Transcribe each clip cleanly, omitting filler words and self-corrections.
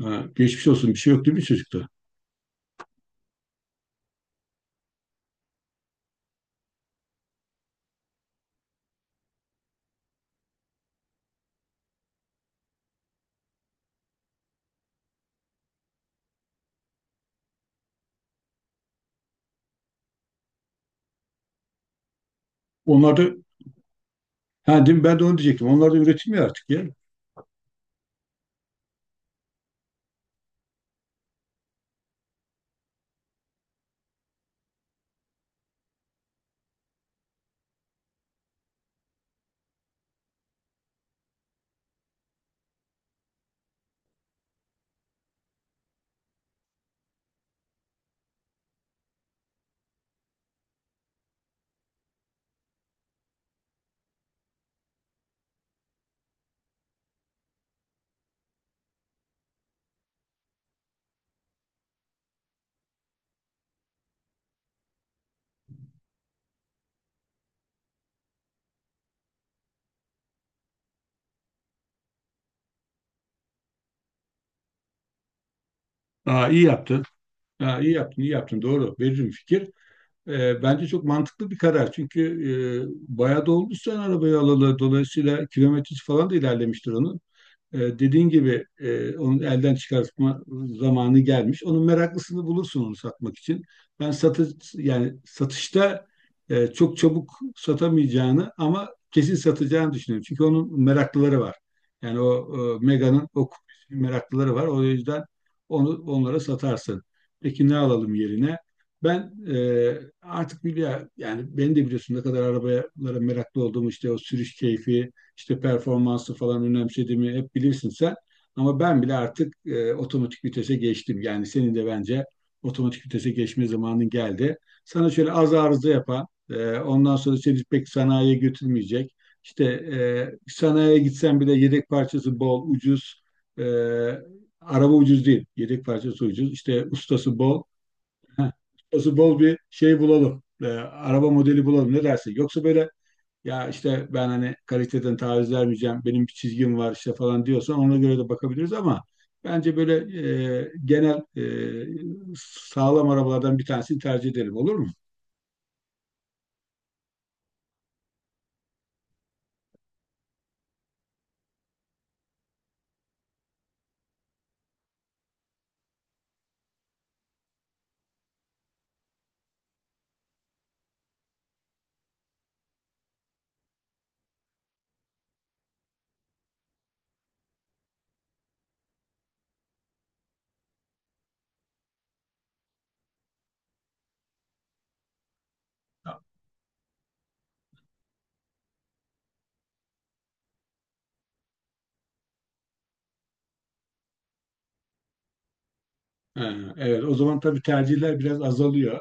Ha, geçmiş olsun, bir şey yok değil mi çocukta? Onlar da ha, değil mi? Ben de onu diyecektim. Onlar da üretilmiyor artık ya. Aa, iyi yaptın. Aa, iyi yaptın, iyi yaptın. Doğru. Veririm fikir. Bence çok mantıklı bir karar. Çünkü bayağı da olmuş sen arabayı alalı. Dolayısıyla kilometresi falan da ilerlemiştir onun. Dediğin gibi onu elden çıkartma zamanı gelmiş. Onun meraklısını bulursun onu satmak için. Ben satış, yani satışta çok çabuk satamayacağını ama kesin satacağını düşünüyorum. Çünkü onun meraklıları var. Yani o Mega'nın o meraklıları var. O yüzden onu onlara satarsın. Peki ne alalım yerine? Ben artık biliyor, yani beni de biliyorsun ne kadar arabalara meraklı olduğumu, işte o sürüş keyfi, işte performansı falan önemsediğimi hep bilirsin sen. Ama ben bile artık otomatik vitese geçtim. Yani senin de bence otomatik vitese geçme zamanın geldi. Sana şöyle az arıza yapan, ondan sonra seni pek sanayiye götürmeyecek. İşte sanayiye gitsen bile yedek parçası bol, ucuz. E, Araba ucuz değil, yedek parçası ucuz. İşte ustası bol. Heh, ustası bol bir şey bulalım. Araba modeli bulalım, ne dersin? Yoksa böyle ya, işte ben hani kaliteden taviz vermeyeceğim, benim bir çizgim var işte falan diyorsan ona göre de bakabiliriz ama bence böyle genel sağlam arabalardan bir tanesini tercih edelim, olur mu? Ee, Evet, o zaman tabii tercihler biraz azalıyor,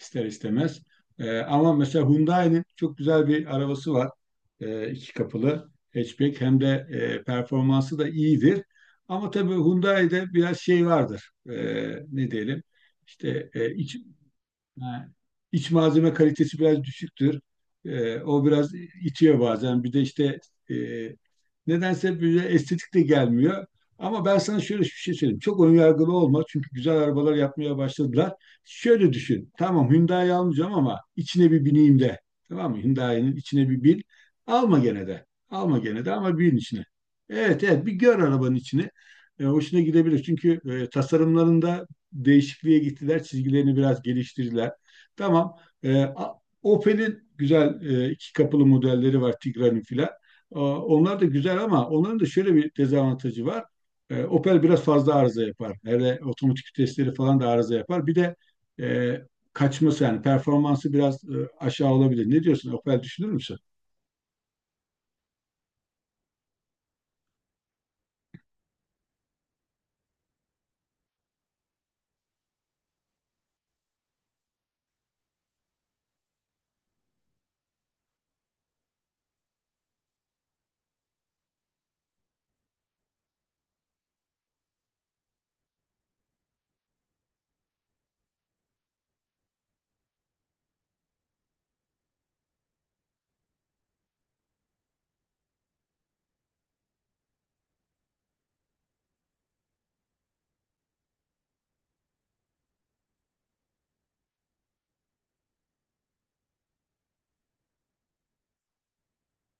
ister istemez. Ama mesela Hyundai'nin çok güzel bir arabası var. İki kapılı hatchback hem de performansı da iyidir. Ama tabii Hyundai'de biraz şey vardır. Ne diyelim? İşte ha, İç malzeme kalitesi biraz düşüktür. O biraz itiyor bazen. Bir de işte e, nedense böyle estetik de gelmiyor. Ama ben sana şöyle bir şey söyleyeyim. Çok ön yargılı olma. Çünkü güzel arabalar yapmaya başladılar. Şöyle düşün. Tamam, Hyundai almayacağım ama içine bir bineyim de. Tamam mı? Hyundai'nin içine bir bin. Alma gene de. Alma gene de ama bin içine. Evet, evet, bir gör arabanın içini. Hoşuna gidebilir. Çünkü tasarımlarında değişikliğe gittiler. Çizgilerini biraz geliştirdiler. Tamam. E, Opel'in güzel iki kapılı modelleri var, Tigra'nın filan. Onlar da güzel ama onların da şöyle bir dezavantajı var. Opel biraz fazla arıza yapar. Hele otomatik vitesleri falan da arıza yapar. Bir de e, kaçması, yani performansı biraz aşağı olabilir. Ne diyorsun? Opel düşünür müsün?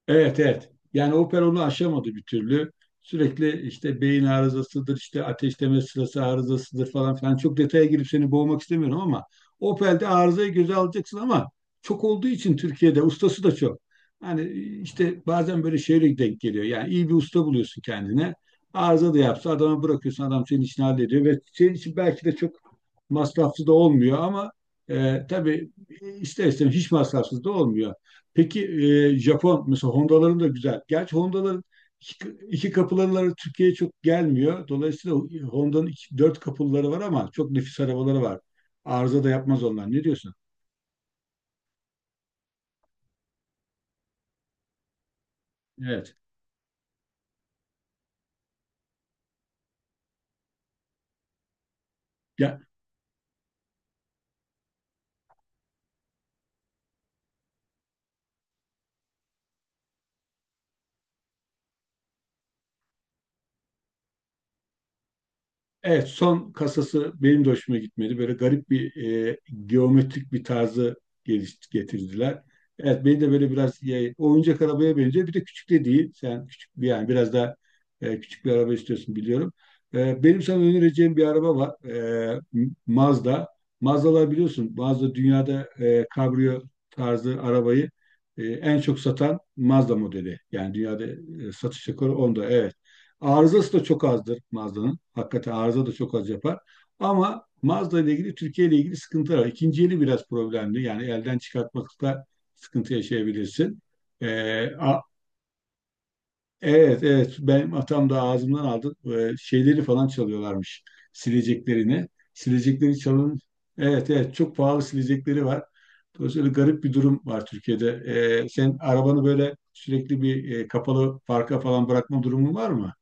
Evet, evet. Yani Opel onu aşamadı bir türlü. Sürekli işte beyin arızasıdır, işte ateşleme sırası arızasıdır falan filan. Çok detaya girip seni boğmak istemiyorum ama Opel'de arızayı göze alacaksın ama çok olduğu için Türkiye'de ustası da çok. Hani işte bazen böyle şeyle denk geliyor. Yani iyi bir usta buluyorsun kendine. Arıza da yapsa adama bırakıyorsun, adam senin işini hallediyor ve senin için belki de çok masrafsız da olmuyor ama tabii ister istemez hiç masrafsız da olmuyor. Peki Japon, mesela Honda'ların da güzel. Gerçi Honda'ların iki kapıları Türkiye'ye çok gelmiyor. Dolayısıyla dört kapıları var ama çok nefis arabaları var. Arıza da yapmaz onlar. Ne diyorsun? Evet. Evet, son kasası benim de hoşuma gitmedi. Böyle garip bir e, geometrik bir tarzı getirdiler. Evet, beni de böyle biraz oyuncak arabaya benziyor. Bir de küçük de değil. Sen küçük bir, yani biraz daha küçük bir araba istiyorsun biliyorum. Benim sana önereceğim bir araba var. Mazda. Mazdalar, biliyorsun. Mazda dünyada kabrio tarzı arabayı en çok satan Mazda modeli. Yani dünyada satış rekoru onda. Evet. Arızası da çok azdır Mazda'nın. Hakikaten arıza da çok az yapar. Ama Mazda ile ilgili, Türkiye ile ilgili sıkıntılar var. İkinci eli biraz problemli. Yani elden çıkartmakta sıkıntı yaşayabilirsin. Ee, a- evet, evet, benim atam da ağzımdan aldı. Şeyleri falan çalıyorlarmış. Sileceklerini. Silecekleri çalın. Evet, evet, çok pahalı silecekleri var. Dolayısıyla garip bir durum var Türkiye'de. Sen arabanı böyle sürekli bir kapalı parka falan bırakma durumun var mı?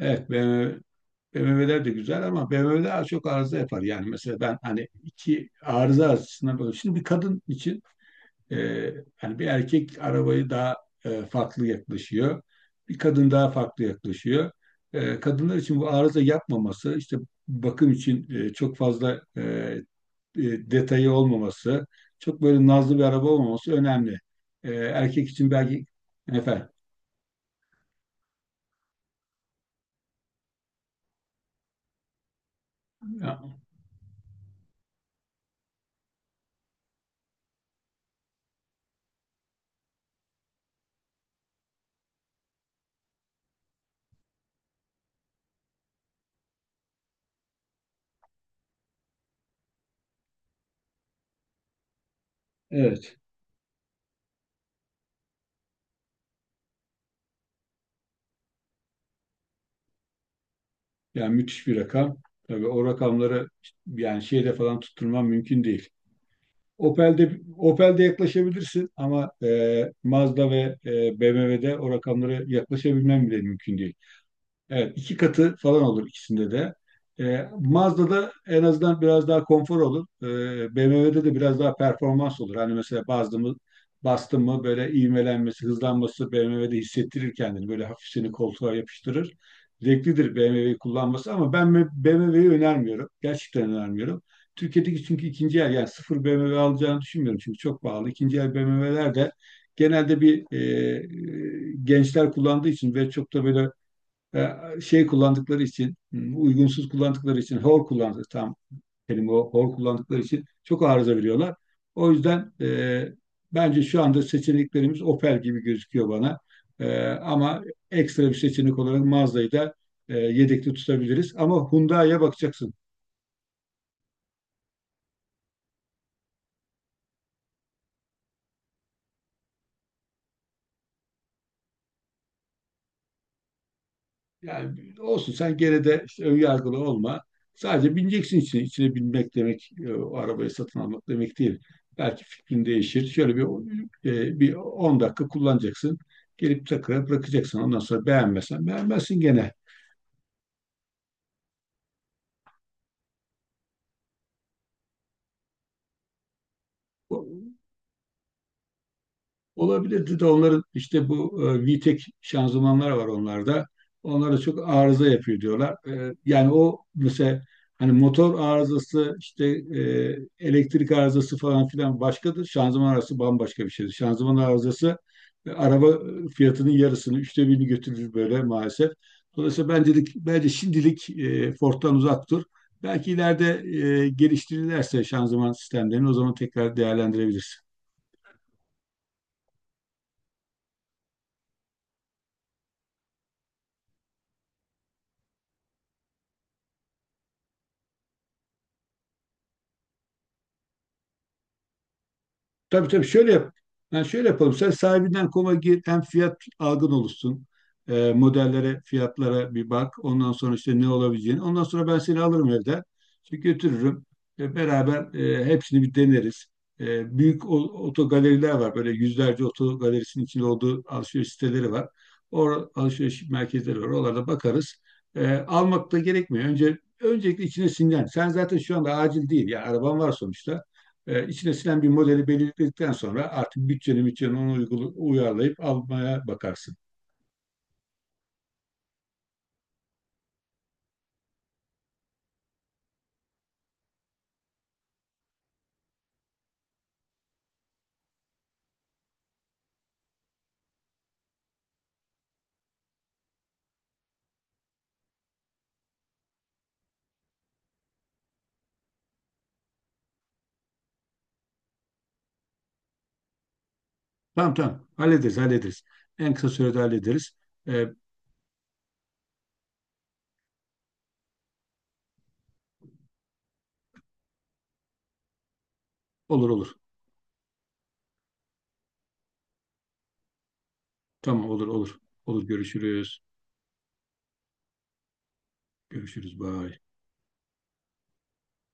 Evet, ben BMW'ler de güzel ama BMW'ler az çok arıza yapar. Yani mesela ben hani iki arıza açısından böyle. Şimdi bir kadın için e, yani bir erkek arabayı daha farklı yaklaşıyor. Bir kadın daha farklı yaklaşıyor. Kadınlar için bu arıza yapmaması, işte bakım için çok fazla e, detayı olmaması, çok böyle nazlı bir araba olmaması önemli. Erkek için belki efendim. Evet. Yani müthiş bir rakam. Tabii o rakamları yani şeyde falan tutturman mümkün değil. Opel'de yaklaşabilirsin ama Mazda ve BMW'de o rakamlara yaklaşabilmen bile mümkün değil. Evet, iki katı falan olur ikisinde de. Mazda'da en azından biraz daha konfor olur. BMW'de de biraz daha performans olur. Hani mesela bastım mı böyle ivmelenmesi, hızlanması BMW'de hissettirir kendini. Böyle hafif seni koltuğa yapıştırır. Zevklidir BMW'yi kullanması ama ben BMW'yi önermiyorum. Gerçekten önermiyorum. Türkiye'deki, çünkü ikinci el, yani sıfır BMW alacağını düşünmüyorum çünkü çok pahalı. İkinci el BMW'ler de genelde bir gençler kullandığı için ve çok da böyle şey kullandıkları için, hmm, uygunsuz kullandıkları için, hor kullandıkları tam kelime o, hor kullandıkları için çok arıza veriyorlar. O yüzden bence şu anda seçeneklerimiz Opel gibi gözüküyor bana. Ama ekstra bir seçenek olarak Mazda'yı da yedekte tutabiliriz. Ama Hyundai'ye bakacaksın. Yani olsun, sen gene de işte ön yargılı olma. Sadece bineceksin içine. İçine binmek demek o arabayı satın almak demek değil. Belki fikrin değişir. Şöyle bir bir 10 dakika kullanacaksın. Gelip tekrar bırakacaksın. Ondan sonra beğenmezsen beğenmezsin gene. Olabilirdi de onların işte bu VTEC şanzımanlar var onlarda. Onlar da çok arıza yapıyor diyorlar. Yani o mesela hani motor arızası, işte elektrik arızası falan filan başkadır. Şanzıman arızası bambaşka bir şeydir. Şanzıman arızası araba fiyatının yarısını, üçte birini götürür böyle maalesef. Dolayısıyla ben dedik, bence şimdilik Ford'dan uzak dur. Belki ileride geliştirirlerse şanzıman sistemlerini o zaman tekrar değerlendirebiliriz. Tabii, tabii şöyle yap. Yani şöyle yapalım. Sen sahibinden koma gir. Hem fiyat algın oluşsun. Modellere, fiyatlara bir bak. Ondan sonra işte ne olabileceğini. Ondan sonra ben seni alırım evden, çünkü götürürüm. Beraber hepsini bir deneriz. Büyük otogaleriler var. Böyle yüzlerce otogalerisinin içinde olduğu alışveriş siteleri var. Or alışveriş merkezleri var. Oralarda bakarız. Almak da gerekmiyor. Önce öncelikle içine sinen. Sen zaten şu anda acil değil. Ya araban var sonuçta. İçine sinen bir modeli belirledikten sonra artık bütçeni ona uyarlayıp almaya bakarsın. Tamam, tamam, hallederiz, hallederiz. En kısa sürede hallederiz. E, olur, olur. Tamam, olur, olur. Olur, görüşürüz. Görüşürüz. Bye.